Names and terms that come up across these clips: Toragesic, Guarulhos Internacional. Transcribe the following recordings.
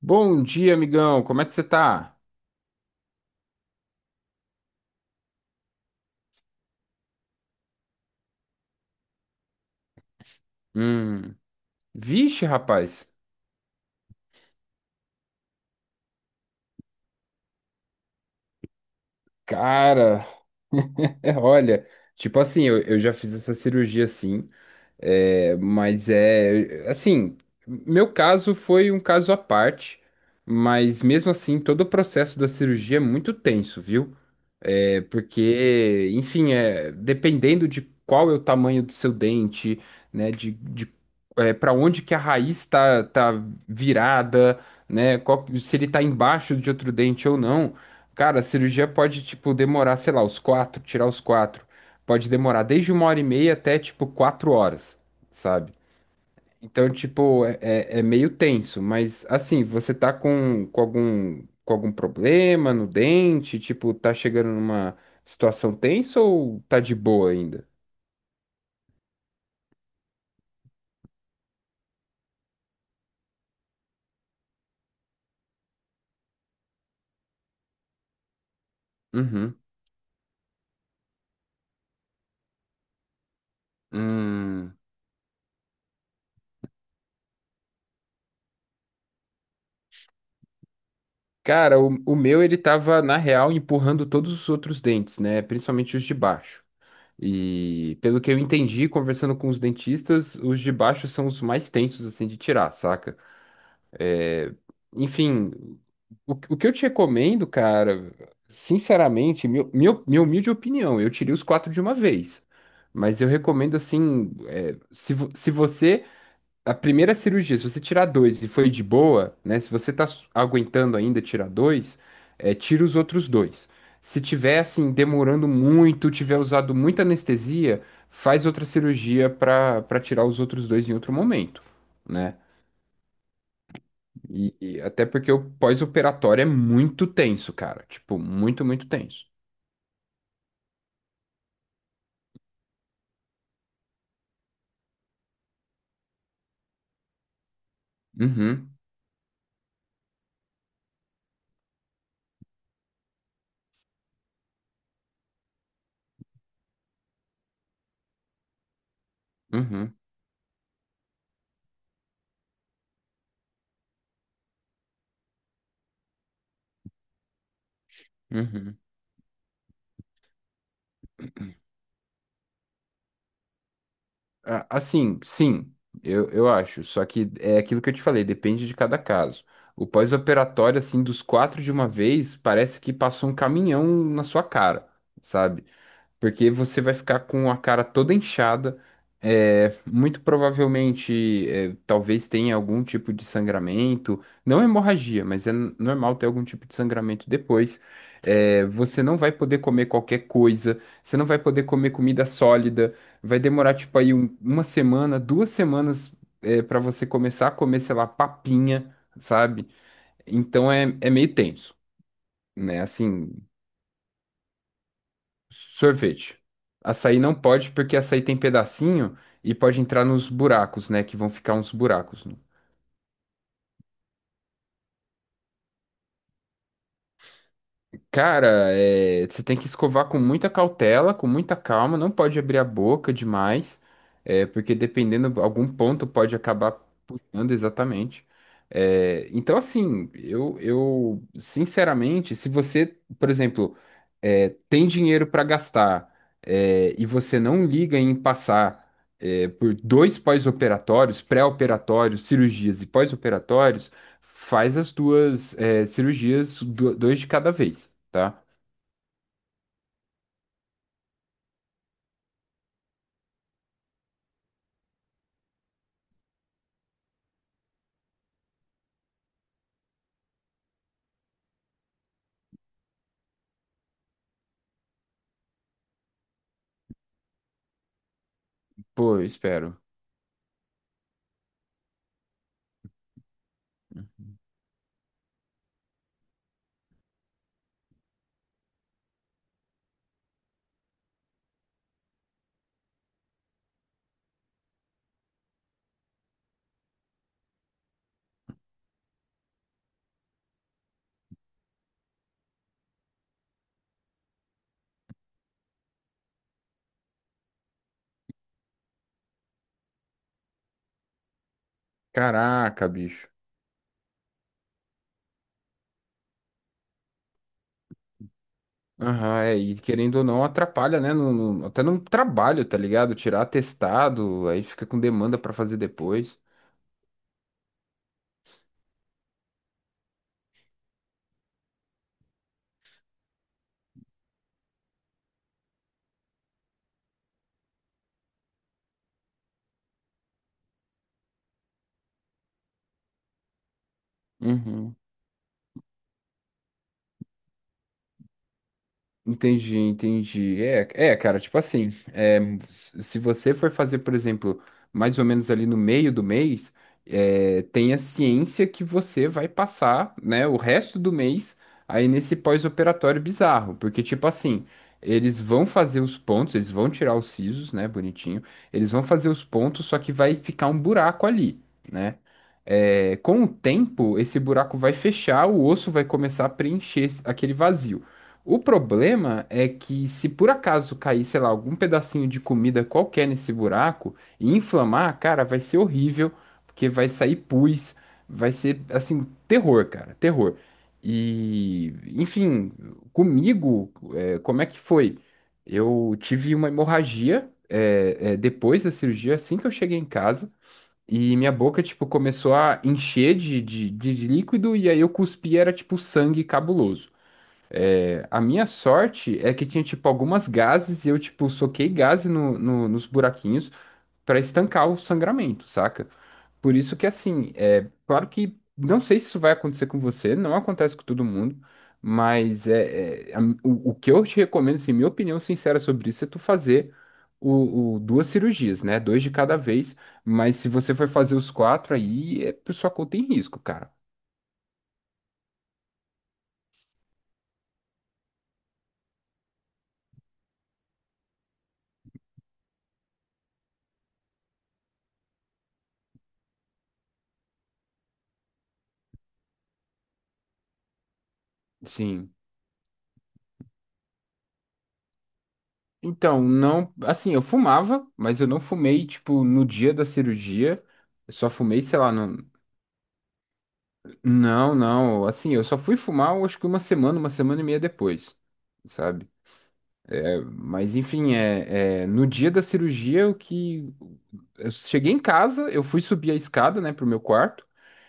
Bom dia, amigão. Como é que você tá? Hum. Vixe, rapaz. Cara, olha, tipo assim, eu já fiz essa cirurgia assim, é, mas é assim, meu caso foi um caso à parte, mas mesmo assim, todo o processo da cirurgia é muito tenso, viu? É, porque, enfim, é, dependendo de qual é o tamanho do seu dente, né, de para onde que a raiz está virada, né, se ele está embaixo de outro dente ou não, cara, a cirurgia pode, tipo, demorar, sei lá, os quatro, tirar os quatro, pode demorar desde uma hora e meia até, tipo, 4 horas, sabe? Então, tipo, é meio tenso, mas assim, você tá com, com algum problema no dente, tipo, tá chegando numa situação tensa ou tá de boa ainda? Uhum. Hum. Cara, o meu ele tava, na real, empurrando todos os outros dentes, né? Principalmente os de baixo. E pelo que eu entendi, conversando com os dentistas, os de baixo são os mais tensos, assim, de tirar, saca? É, enfim, o que eu te recomendo, cara, sinceramente, minha humilde opinião, eu tirei os quatro de uma vez. Mas eu recomendo assim, é, se você. A primeira cirurgia, se você tirar dois e foi de boa, né? Se você tá aguentando ainda tirar dois, é, tira os outros dois. Se tiver assim, demorando muito, tiver usado muita anestesia, faz outra cirurgia para tirar os outros dois em outro momento. Né? E até porque o pós-operatório é muito tenso, cara. Tipo, muito, muito tenso. Uhum, uhum, uhum. Assim, sim, eu acho. Só que é aquilo que eu te falei, depende de cada caso. O pós-operatório, assim, dos quatro de uma vez, parece que passou um caminhão na sua cara, sabe? Porque você vai ficar com a cara toda inchada, é, muito provavelmente, é, talvez tenha algum tipo de sangramento, não hemorragia, mas é normal ter algum tipo de sangramento depois. É, você não vai poder comer qualquer coisa, você não vai poder comer comida sólida, vai demorar tipo aí uma semana, 2 semanas, é, para você começar a comer, sei lá, papinha, sabe? Então é meio tenso, né? Assim, sorvete. Açaí não pode, porque açaí tem pedacinho e pode entrar nos buracos, né? Que vão ficar uns buracos. Né? Cara, é, você tem que escovar com muita cautela, com muita calma, não pode abrir a boca demais, é, porque dependendo, algum ponto pode acabar puxando exatamente. É, então, assim, eu, sinceramente, se você, por exemplo, é, tem dinheiro para gastar, é, e você não liga em passar, é, por dois pós-operatórios, pré-operatórios, cirurgias e pós-operatórios, faz as duas é, cirurgias, dois de cada vez, tá? Pô, eu espero. Caraca, bicho. Aham, é, e querendo ou não, atrapalha, né? Até no trabalho, tá ligado? Tirar atestado, aí fica com demanda pra fazer depois. Uhum. Entendi, entendi. É, cara, tipo assim, é, se você for fazer, por exemplo, mais ou menos ali no meio do mês, é, tenha ciência que você vai passar, né, o resto do mês aí nesse pós-operatório bizarro, porque, tipo assim, eles vão fazer os pontos, eles vão tirar os sisos, né, bonitinho, eles vão fazer os pontos, só que vai ficar um buraco ali. Né? É, com o tempo, esse buraco vai fechar, o osso vai começar a preencher aquele vazio. O problema é que, se por acaso cair, sei lá, algum pedacinho de comida qualquer nesse buraco e inflamar, cara, vai ser horrível, porque vai sair pus, vai ser, assim, terror, cara, terror. E, enfim, comigo, é, como é que foi? Eu tive uma hemorragia, é, depois da cirurgia, assim que eu cheguei em casa. E minha boca, tipo, começou a encher de líquido e aí eu cuspi, era tipo sangue cabuloso. É, a minha sorte é que tinha, tipo, algumas gases e eu, tipo, soquei gás nos buraquinhos pra estancar o sangramento, saca? Por isso que, assim, é claro que não sei se isso vai acontecer com você, não acontece com todo mundo, mas o que eu te recomendo, assim, minha opinião sincera sobre isso é tu fazer duas cirurgias, né? Dois de cada vez, mas se você for fazer os quatro aí, é por sua conta em risco, cara. Sim. Então, não, assim, eu fumava, mas eu não fumei, tipo, no dia da cirurgia, eu só fumei, sei lá, no. Não, não. Assim, eu só fui fumar, eu acho que uma semana e meia depois, sabe? É, mas enfim, é, no dia da cirurgia, o que eu cheguei em casa, eu fui subir a escada, né, pro meu quarto,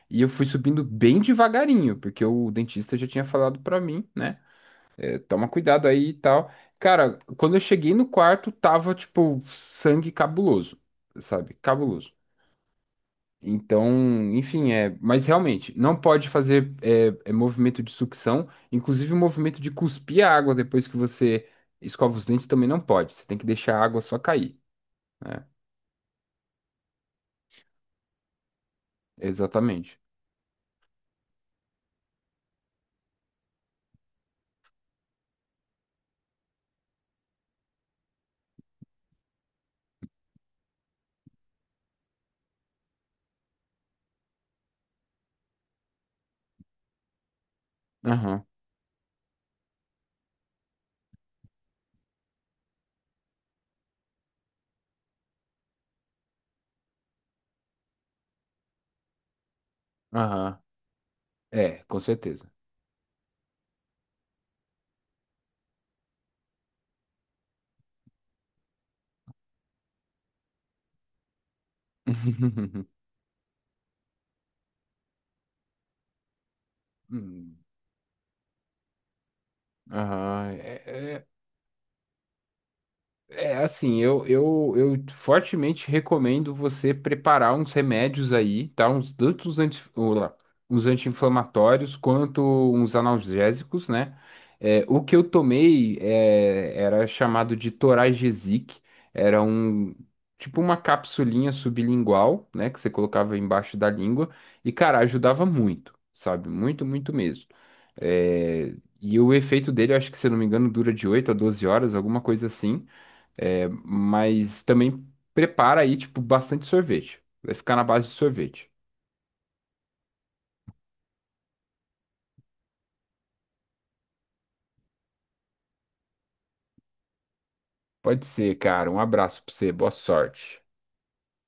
e eu fui subindo bem devagarinho, porque o dentista já tinha falado pra mim, né, toma cuidado aí e tal. Cara, quando eu cheguei no quarto, tava tipo sangue cabuloso, sabe? Cabuloso. Então, enfim, é. Mas realmente, não pode fazer é, movimento de sucção, inclusive o movimento de cuspir a água depois que você escova os dentes também não pode. Você tem que deixar a água só cair, né? Exatamente. Aham, aham. É, com certeza. Hum. Aham. É assim, eu fortemente recomendo você preparar uns remédios aí, tá? Uns, tanto os anti, ô, lá, uns anti-inflamatórios quanto uns analgésicos, né? É, o que eu tomei era chamado de Toragesic, era um tipo uma capsulinha sublingual, né? Que você colocava embaixo da língua, e cara, ajudava muito, sabe? Muito, muito mesmo. É, e o efeito dele, eu acho que se eu não me engano, dura de 8 a 12 horas, alguma coisa assim. É, mas também prepara aí, tipo, bastante sorvete. Vai ficar na base de sorvete. Pode ser, cara. Um abraço pra você. Boa sorte.